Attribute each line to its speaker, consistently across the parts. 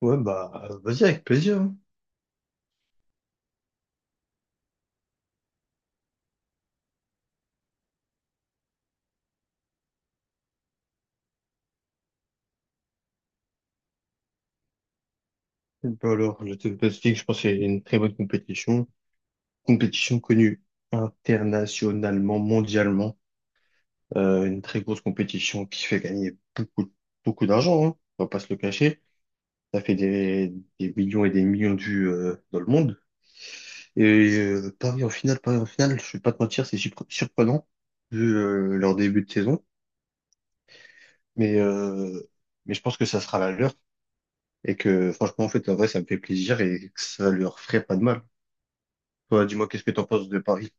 Speaker 1: Ouais, bah, vas-y, avec plaisir, hein. Bah alors, je te dis que je pense que c'est une très bonne compétition. Compétition connue internationalement, mondialement. Une très grosse compétition qui fait gagner beaucoup, beaucoup d'argent, hein. On va pas se le cacher. Ça fait des millions et des millions de vues, dans le monde. Et Paris en finale, je vais pas te mentir, c'est surprenant vu leur début de saison. Mais, euh, mais je pense que ça sera la leur et que franchement, en fait, en vrai, ça me fait plaisir et que ça leur ferait pas de mal. Toi, dis-moi, qu'est-ce que t'en penses de Paris?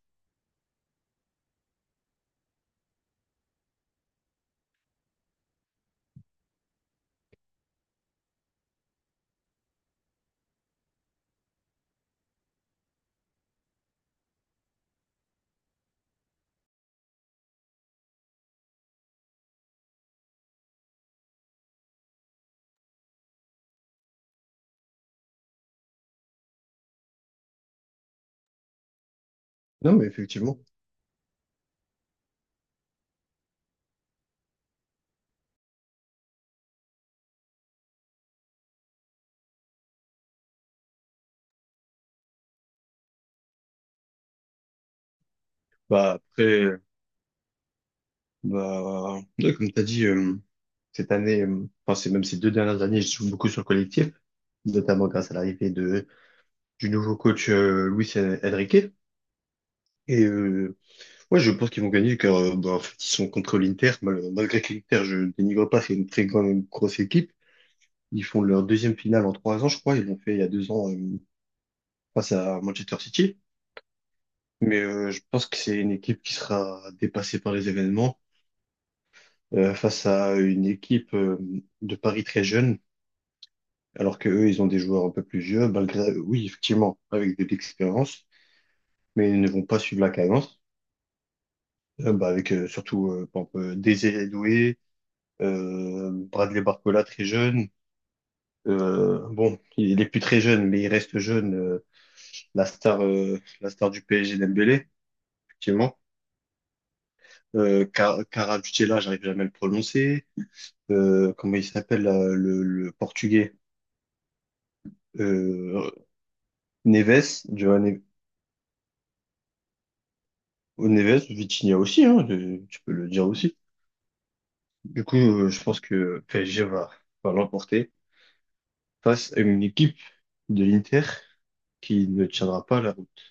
Speaker 1: Non, mais effectivement. Bah, après, bah, ouais, comme t'as dit, cette année, enfin, c'est même ces deux dernières années, je joue beaucoup sur le collectif, notamment grâce à l'arrivée du nouveau coach, Luis Enrique. Et, ouais, je pense qu'ils vont gagner car, bah, en fait, ils sont contre l'Inter. Malgré que l'Inter, je dénigre pas, c'est une très grande, grosse équipe. Ils font leur deuxième finale en 3 ans, je crois. Ils l'ont fait il y a 2 ans, face à Manchester City. Mais, je pense que c'est une équipe qui sera dépassée par les événements face à une équipe de Paris très jeune, alors que eux, ils ont des joueurs un peu plus vieux, malgré, oui, effectivement, avec de l'expérience, mais ils ne vont pas suivre la cadence. Bah, avec surtout par exemple, Désiré Doué, Bradley Barcola très jeune. Bon, il est plus très jeune, mais il reste jeune. La star du PSG Dembélé, effectivement. Carabustela, j'arrive jamais à le prononcer. Comment il s'appelle là, le portugais? Euh, Neves, João. Au Neves, Vitinha aussi, hein, tu peux le dire aussi. Du coup, je pense que PSG va l'emporter face à une équipe de l'Inter qui ne tiendra pas la route.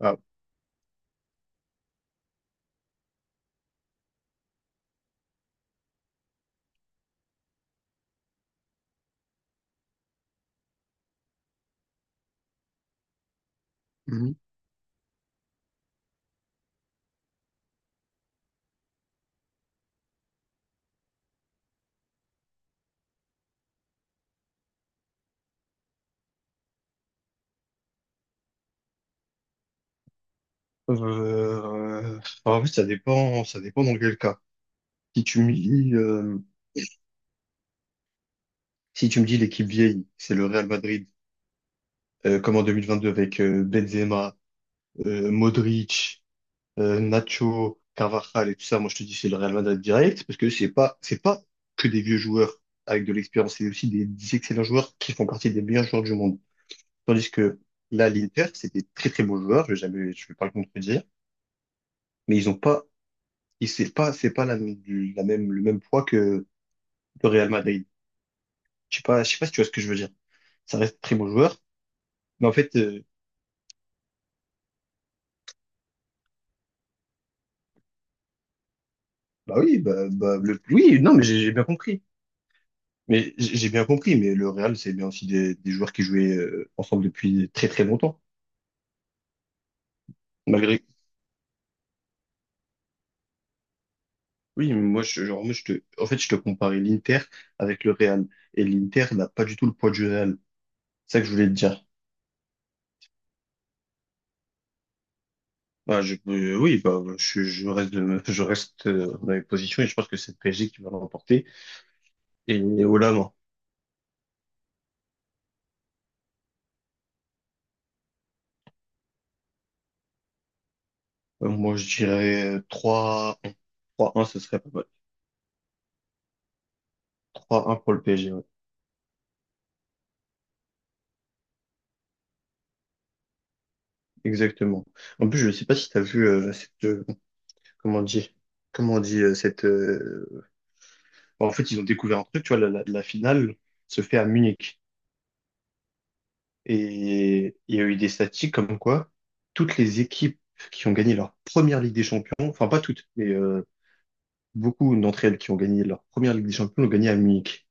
Speaker 1: Ah. Mhm. euh, En fait, ça dépend dans quel cas. Si tu me dis, si tu me dis l'équipe vieille, c'est le Real Madrid, comme en 2022 avec Benzema, Modric, Nacho, Carvajal et tout ça, moi je te dis c'est le Real Madrid direct, parce que c'est pas que des vieux joueurs avec de l'expérience, c'est aussi des excellents joueurs qui font partie des meilleurs joueurs du monde. Tandis que là, l'Inter, c'est des très très bons joueurs, je vais jamais, je vais pas le contredire, mais ils ont pas, c'est pas la, la même, le même poids que le Real Madrid. Je sais pas si tu vois ce que je veux dire. Ça reste très bons joueurs, mais en fait, bah oui, bah, bah, le, oui, non, mais j'ai bien compris. Mais j'ai bien compris, mais le Real, c'est bien aussi des joueurs qui jouaient ensemble depuis très très longtemps. Malgré, oui, mais moi, je, genre, moi, je te, en fait, je te comparais l'Inter avec le Real. Et l'Inter n'a pas du tout le poids du Real. C'est ça que je voulais te dire. Bah, je, oui, bah, je reste, je reste dans mes positions et je pense que c'est le PSG qui va l'emporter. Et au Lama, moi, je dirais trois, un, 3-1, ce serait pas mal. 3-1 pour le PSG, ouais. Exactement. En plus, je ne sais pas si tu as vu comment on dit, comment on dit cette. En fait, ils ont découvert un truc, tu vois, la finale se fait à Munich. Et il y a eu des statistiques comme quoi toutes les équipes qui ont gagné leur première Ligue des Champions, enfin pas toutes, mais beaucoup d'entre elles qui ont gagné leur première Ligue des Champions l'ont gagné à Munich,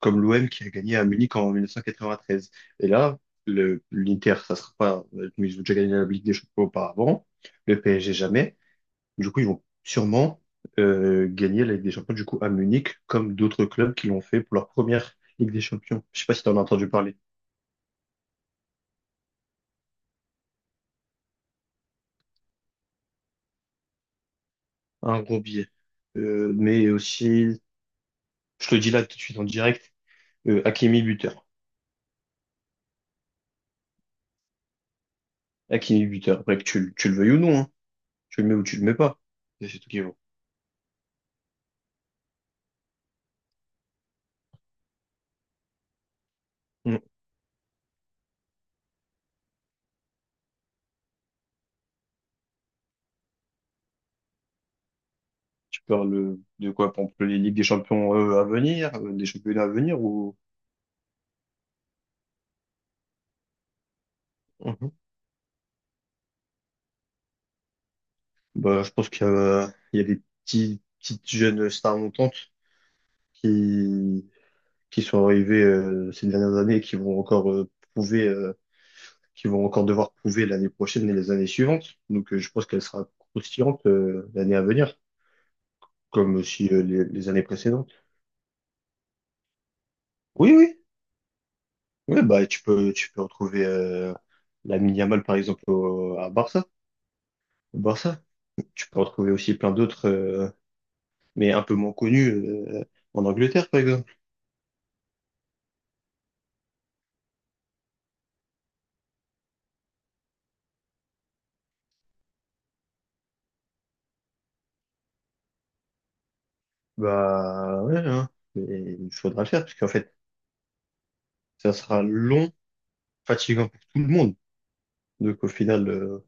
Speaker 1: comme l'OM qui a gagné à Munich en 1993. Et là, l'Inter, ça sera pas, mais ils ont déjà gagné la Ligue des Champions auparavant, le PSG jamais. Du coup, ils vont sûrement gagner la Ligue des Champions du coup à Munich, comme d'autres clubs qui l'ont fait pour leur première Ligue des Champions. Je sais pas si tu en as entendu parler. Un gros billet. Mais aussi, je te le dis là tout de suite en direct, Hakimi buteur. Hakimi buteur. Après que tu, tu le veuilles ou non, hein. Tu le mets ou tu le mets pas. Et c'est tout qui vaut. Mm. Tu parles de quoi, pour exemple, les Ligues des Champions à venir, des championnats à venir ou… Mhm. Bah, je pense qu'il y a, il y a des petits, petites jeunes stars montantes qui, qui sont arrivés ces dernières années et qui vont encore prouver, qui vont encore devoir prouver l'année prochaine et les années suivantes. Donc, je pense qu'elle sera croustillante l'année à venir, comme aussi les années précédentes. Oui, oui, oui, bah tu peux retrouver Lamine Yamal par exemple à Barça, au Barça. Tu peux retrouver aussi plein d'autres, mais un peu moins connus en Angleterre par exemple. Bah ouais, hein. Mais il faudra le faire parce qu'en fait, ça sera long, fatigant pour tout le monde. Donc au final,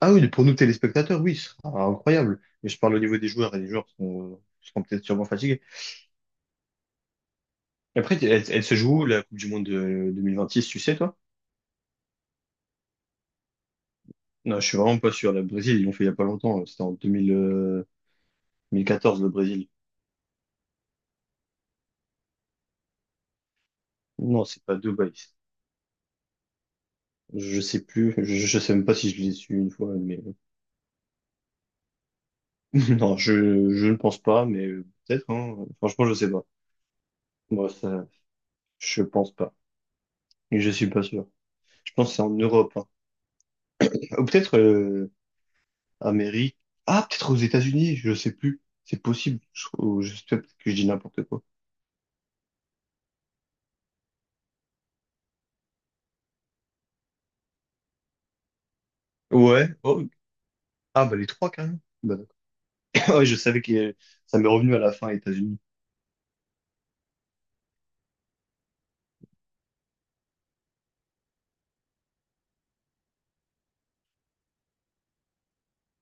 Speaker 1: ah oui, pour nous téléspectateurs, oui, ce sera incroyable. Mais je parle au niveau des joueurs et les joueurs sont, seront peut-être sûrement fatigués. Et après, elle, elle se joue où, la Coupe du Monde de 2026, tu sais, toi? Non, je suis vraiment pas sûr. Le Brésil, ils l'ont fait il y a pas longtemps. C'était en 2000, 2014, le Brésil. Non, c'est pas Dubaï. Je sais plus. Je sais même pas si je l'ai su une fois, mais non, je ne pense pas, mais peut-être, hein. Franchement, je sais pas. Moi, ça, je pense pas. Je suis pas sûr. Je pense que c'est en Europe, hein. Ou peut-être, Amérique. Ah, peut-être aux États-Unis, je sais plus. C'est possible. Ou je sais pas, peut-être que je dis n'importe quoi. Ouais. Oh. Ah, bah les trois carrément. Bah, d'accord. Ouais, je savais que ça m'est revenu à la fin, États-Unis.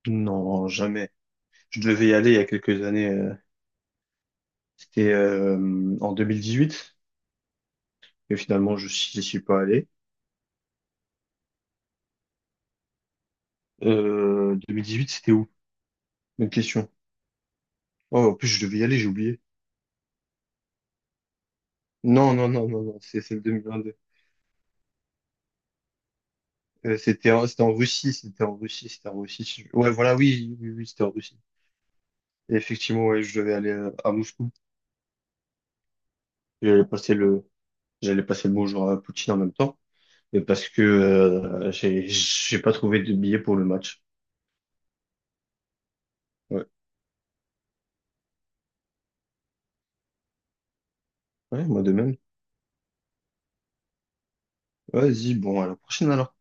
Speaker 1: Non, jamais. Je devais y aller il y a quelques années. C'était en huit. Et finalement, je n'y suis pas allé. Huit c'était où? Bonne question. Oh, en plus, je devais y aller, j'ai oublié. Non, non, non, non, non, c'est le 2022. C'était en Russie, c'était en Russie, c'était en Russie. Ouais, voilà, oui, oui, oui, c'était en Russie. Et effectivement, ouais, je devais aller à Moscou. J'allais passer le, j'allais passer le bonjour à Poutine en même temps. Et parce que j'ai pas trouvé de billet pour le match. Ouais, ouais, moi de même. Vas-y, bon, à la prochaine alors.